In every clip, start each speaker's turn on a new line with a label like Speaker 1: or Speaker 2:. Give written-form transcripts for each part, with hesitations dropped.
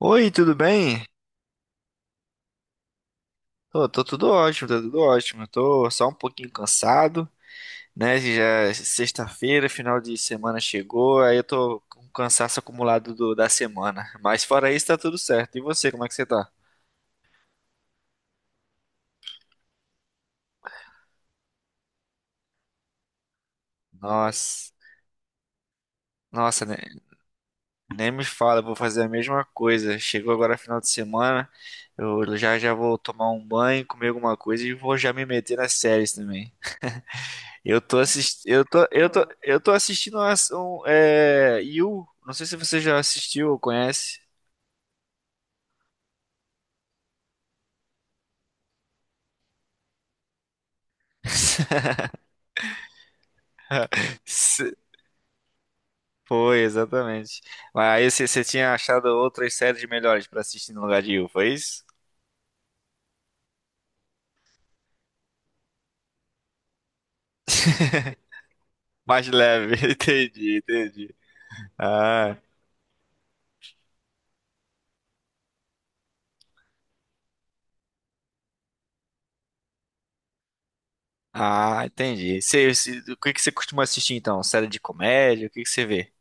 Speaker 1: Oi, tudo bem? Tô tudo ótimo, tá tudo ótimo. Eu tô só um pouquinho cansado, né? Já é sexta-feira, final de semana chegou, aí eu tô com um cansaço acumulado da semana. Mas fora isso, tá tudo certo. E você, como é que você tá? Nossa, nossa, né? Nem me fala, eu vou fazer a mesma coisa. Chegou agora final de semana, eu já vou tomar um banho, comer alguma coisa e vou já me meter nas séries também. Eu tô assistindo, eu tô, eu tô, eu tô assistindo You. Não sei se você já assistiu ou conhece. Se- Foi, exatamente. Mas aí você tinha achado outras séries melhores pra assistir no lugar de You, foi isso? Mais leve, entendi. Ah, ah, entendi. O que que você costuma assistir então? Série de comédia? O que que você vê?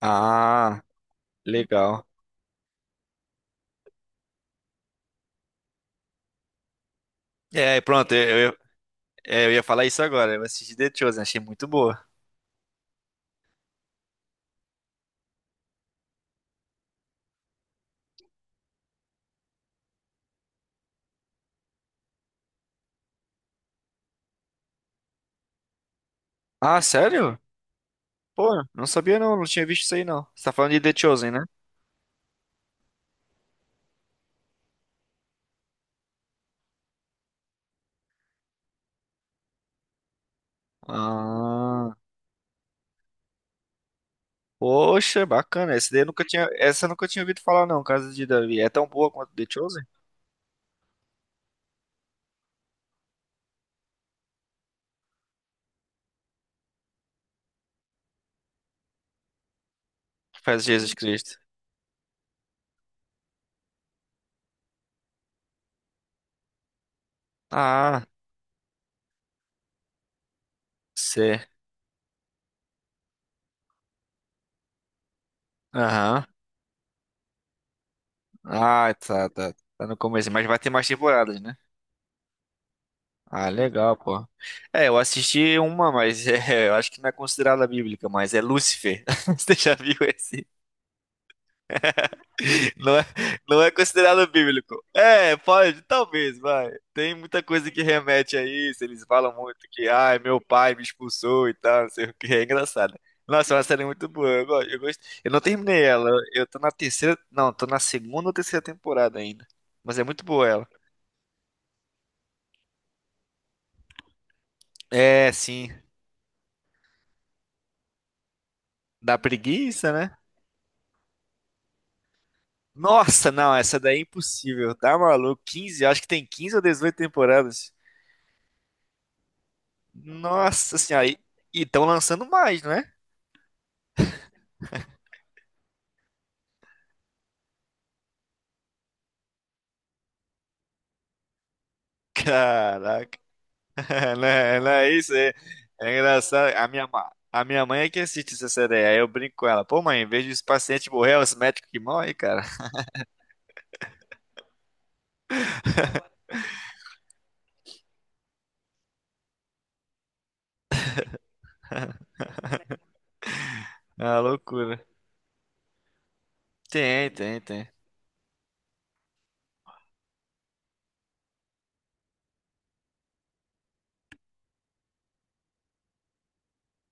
Speaker 1: Ah, legal. É, pronto, eu ia falar isso agora. Eu assisti The Chosen, achei muito boa. Ah, sério? Pô, não sabia não, não tinha visto isso aí não. Você tá falando de The Chosen, né? Ah, poxa, bacana. Essa daí eu nunca tinha ouvido falar não, Casa de Davi. É tão boa quanto The Chosen? Faz Jesus Cristo. Ah, cê. Aham. Ah, tá. Tá no começo, mas vai ter mais temporadas, né? Ah, legal, pô. É, eu assisti uma, mas é, eu acho que não é considerada bíblica, mas é Lúcifer. Você já viu esse? Não é, não é considerado bíblico. É, pode, talvez, vai. Tem muita coisa que remete a isso. Eles falam muito que, ai, meu pai me expulsou e tal, não sei o que. É engraçado. Nossa, é uma série muito boa. Eu gosto. Eu não terminei ela. Eu tô na terceira. Não, tô na segunda ou terceira temporada ainda. Mas é muito boa ela. É, sim. Dá preguiça, né? Nossa, não, essa daí é impossível. Tá maluco? 15, acho que tem 15 ou 18 temporadas. Nossa senhora. E estão lançando mais, não é? Caraca, não é isso? É, é engraçado. A minha mãe é que assiste CCD, aí eu brinco com ela. Pô, mãe, em vez dos pacientes morrer, é os médicos que morrem, cara. É uma loucura. Tem.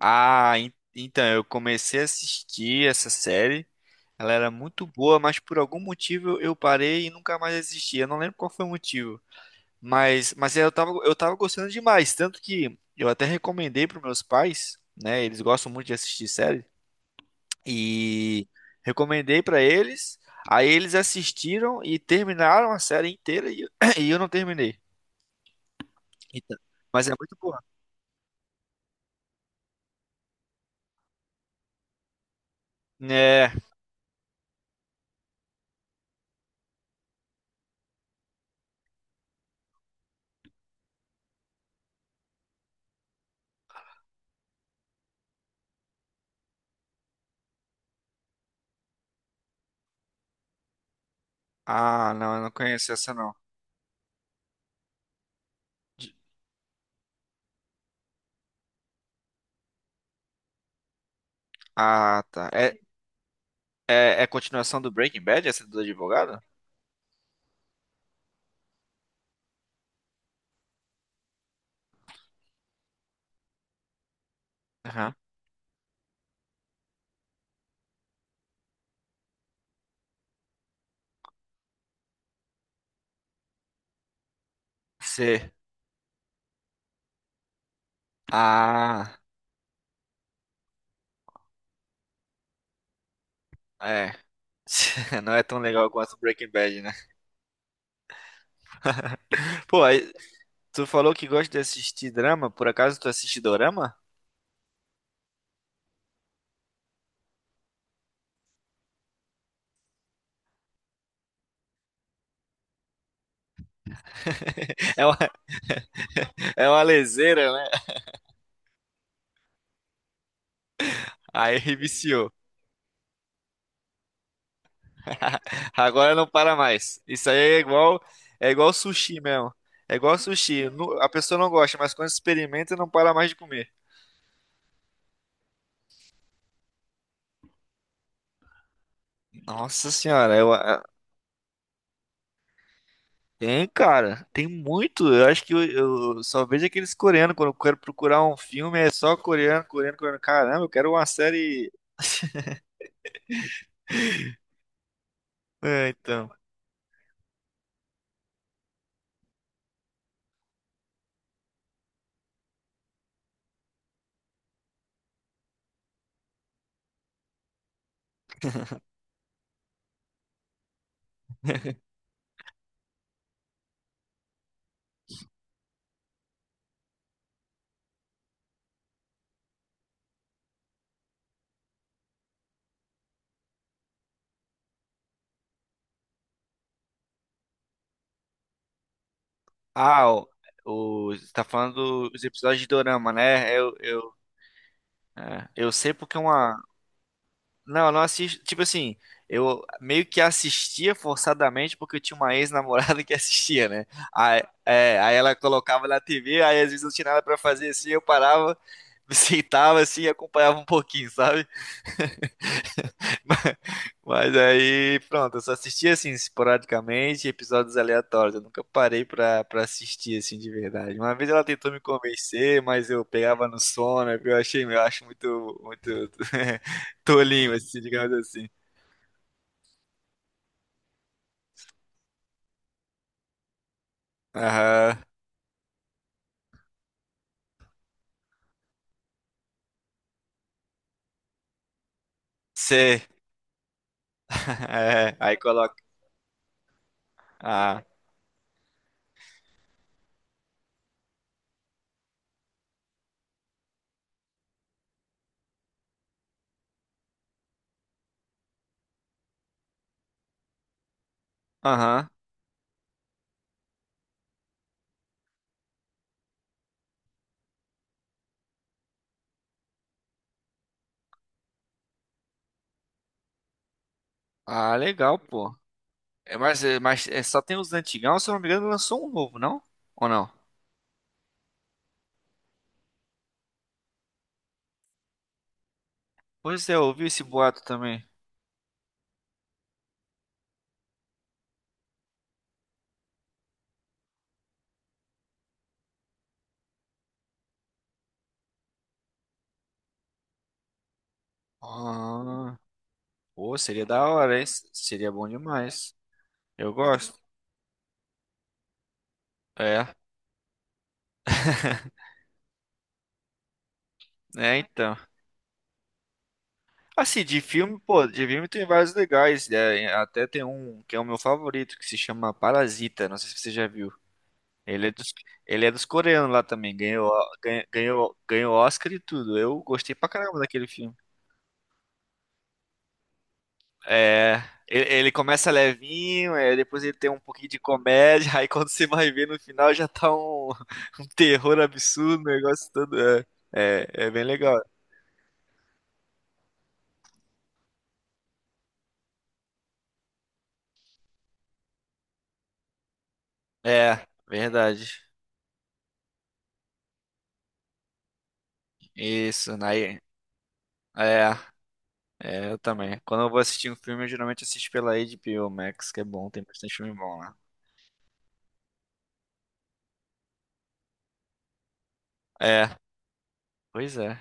Speaker 1: Ah, então, eu comecei a assistir essa série. Ela era muito boa, mas por algum motivo eu parei e nunca mais assisti. Eu não lembro qual foi o motivo. Mas eu tava gostando demais. Tanto que eu até recomendei para meus pais, né? Eles gostam muito de assistir série. E recomendei pra eles. Aí eles assistiram e terminaram a série inteira e, e eu não terminei. Então, mas é muito boa. É. Ah, não, eu não conheço essa não. De- Ah, tá. É, é continuação do Breaking Bad, essa do advogado? Aham. C. Ah, é. Não é tão legal quanto Breaking Bad, né? Pô, aí, tu falou que gosta de assistir drama, por acaso tu assiste dorama? É uma, é uma leseira, né? Aí viciou. Agora não para mais. Isso aí é igual sushi mesmo. É igual sushi. A pessoa não gosta, mas quando experimenta, não para mais de comer. Nossa senhora, tem, cara, tem muito. Eu acho que eu só vejo aqueles coreanos. Quando eu quero procurar um filme, é só coreano. Caramba, eu quero uma série. É, então. Ah, você tá falando dos episódios de Dorama, né? Eu sei porque uma. Não, eu não assisto. Tipo assim, eu meio que assistia forçadamente porque eu tinha uma ex-namorada que assistia, né? Aí, é, aí ela colocava na TV, aí às vezes eu não tinha nada pra fazer assim, eu parava, me sentava assim e acompanhava um pouquinho, sabe? Mas, mas aí, pronto, eu só assistia assim, esporadicamente, episódios aleatórios. Eu nunca parei pra assistir assim de verdade. Uma vez ela tentou me convencer, mas eu pegava no sono, eu acho muito tolinho, assim, digamos assim. Aham. Sei. É, aí coloca. Ah, aham. Ah, legal, pô. É, mas é, só tem os antigão, se eu não me engano, lançou um novo, não? Ou não? Pois é, eu ouvi esse boato também. Ah, pô, seria da hora, hein? Seria bom demais. Eu gosto. É, é então. Assim, de filme, pô, de filme tem vários legais, né? Até tem um que é o meu favorito, que se chama Parasita. Não sei se você já viu. Ele é dos, ele é dos coreanos lá também. Ganhou Oscar e tudo. Eu gostei pra caramba daquele filme. É, ele começa levinho, é, depois ele tem um pouquinho de comédia, aí quando você vai ver no final já tá um, um terror absurdo, um negócio todo. É, é bem legal. É, verdade. Isso, naí. É, é, eu também. Quando eu vou assistir um filme, eu geralmente assisto pela HBO Max, que é bom, tem bastante filme bom lá. É, pois é.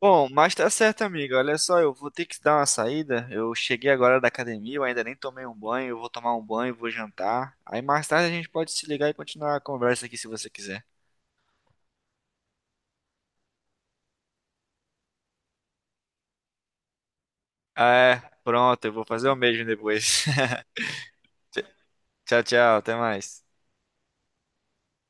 Speaker 1: Bom, mas tá certo, amigo. Olha só, eu vou ter que dar uma saída. Eu cheguei agora da academia, eu ainda nem tomei um banho. Eu vou tomar um banho, vou jantar. Aí mais tarde a gente pode se ligar e continuar a conversa aqui se você quiser. Ah, é, pronto, eu vou fazer o mesmo depois. Tchau, até mais.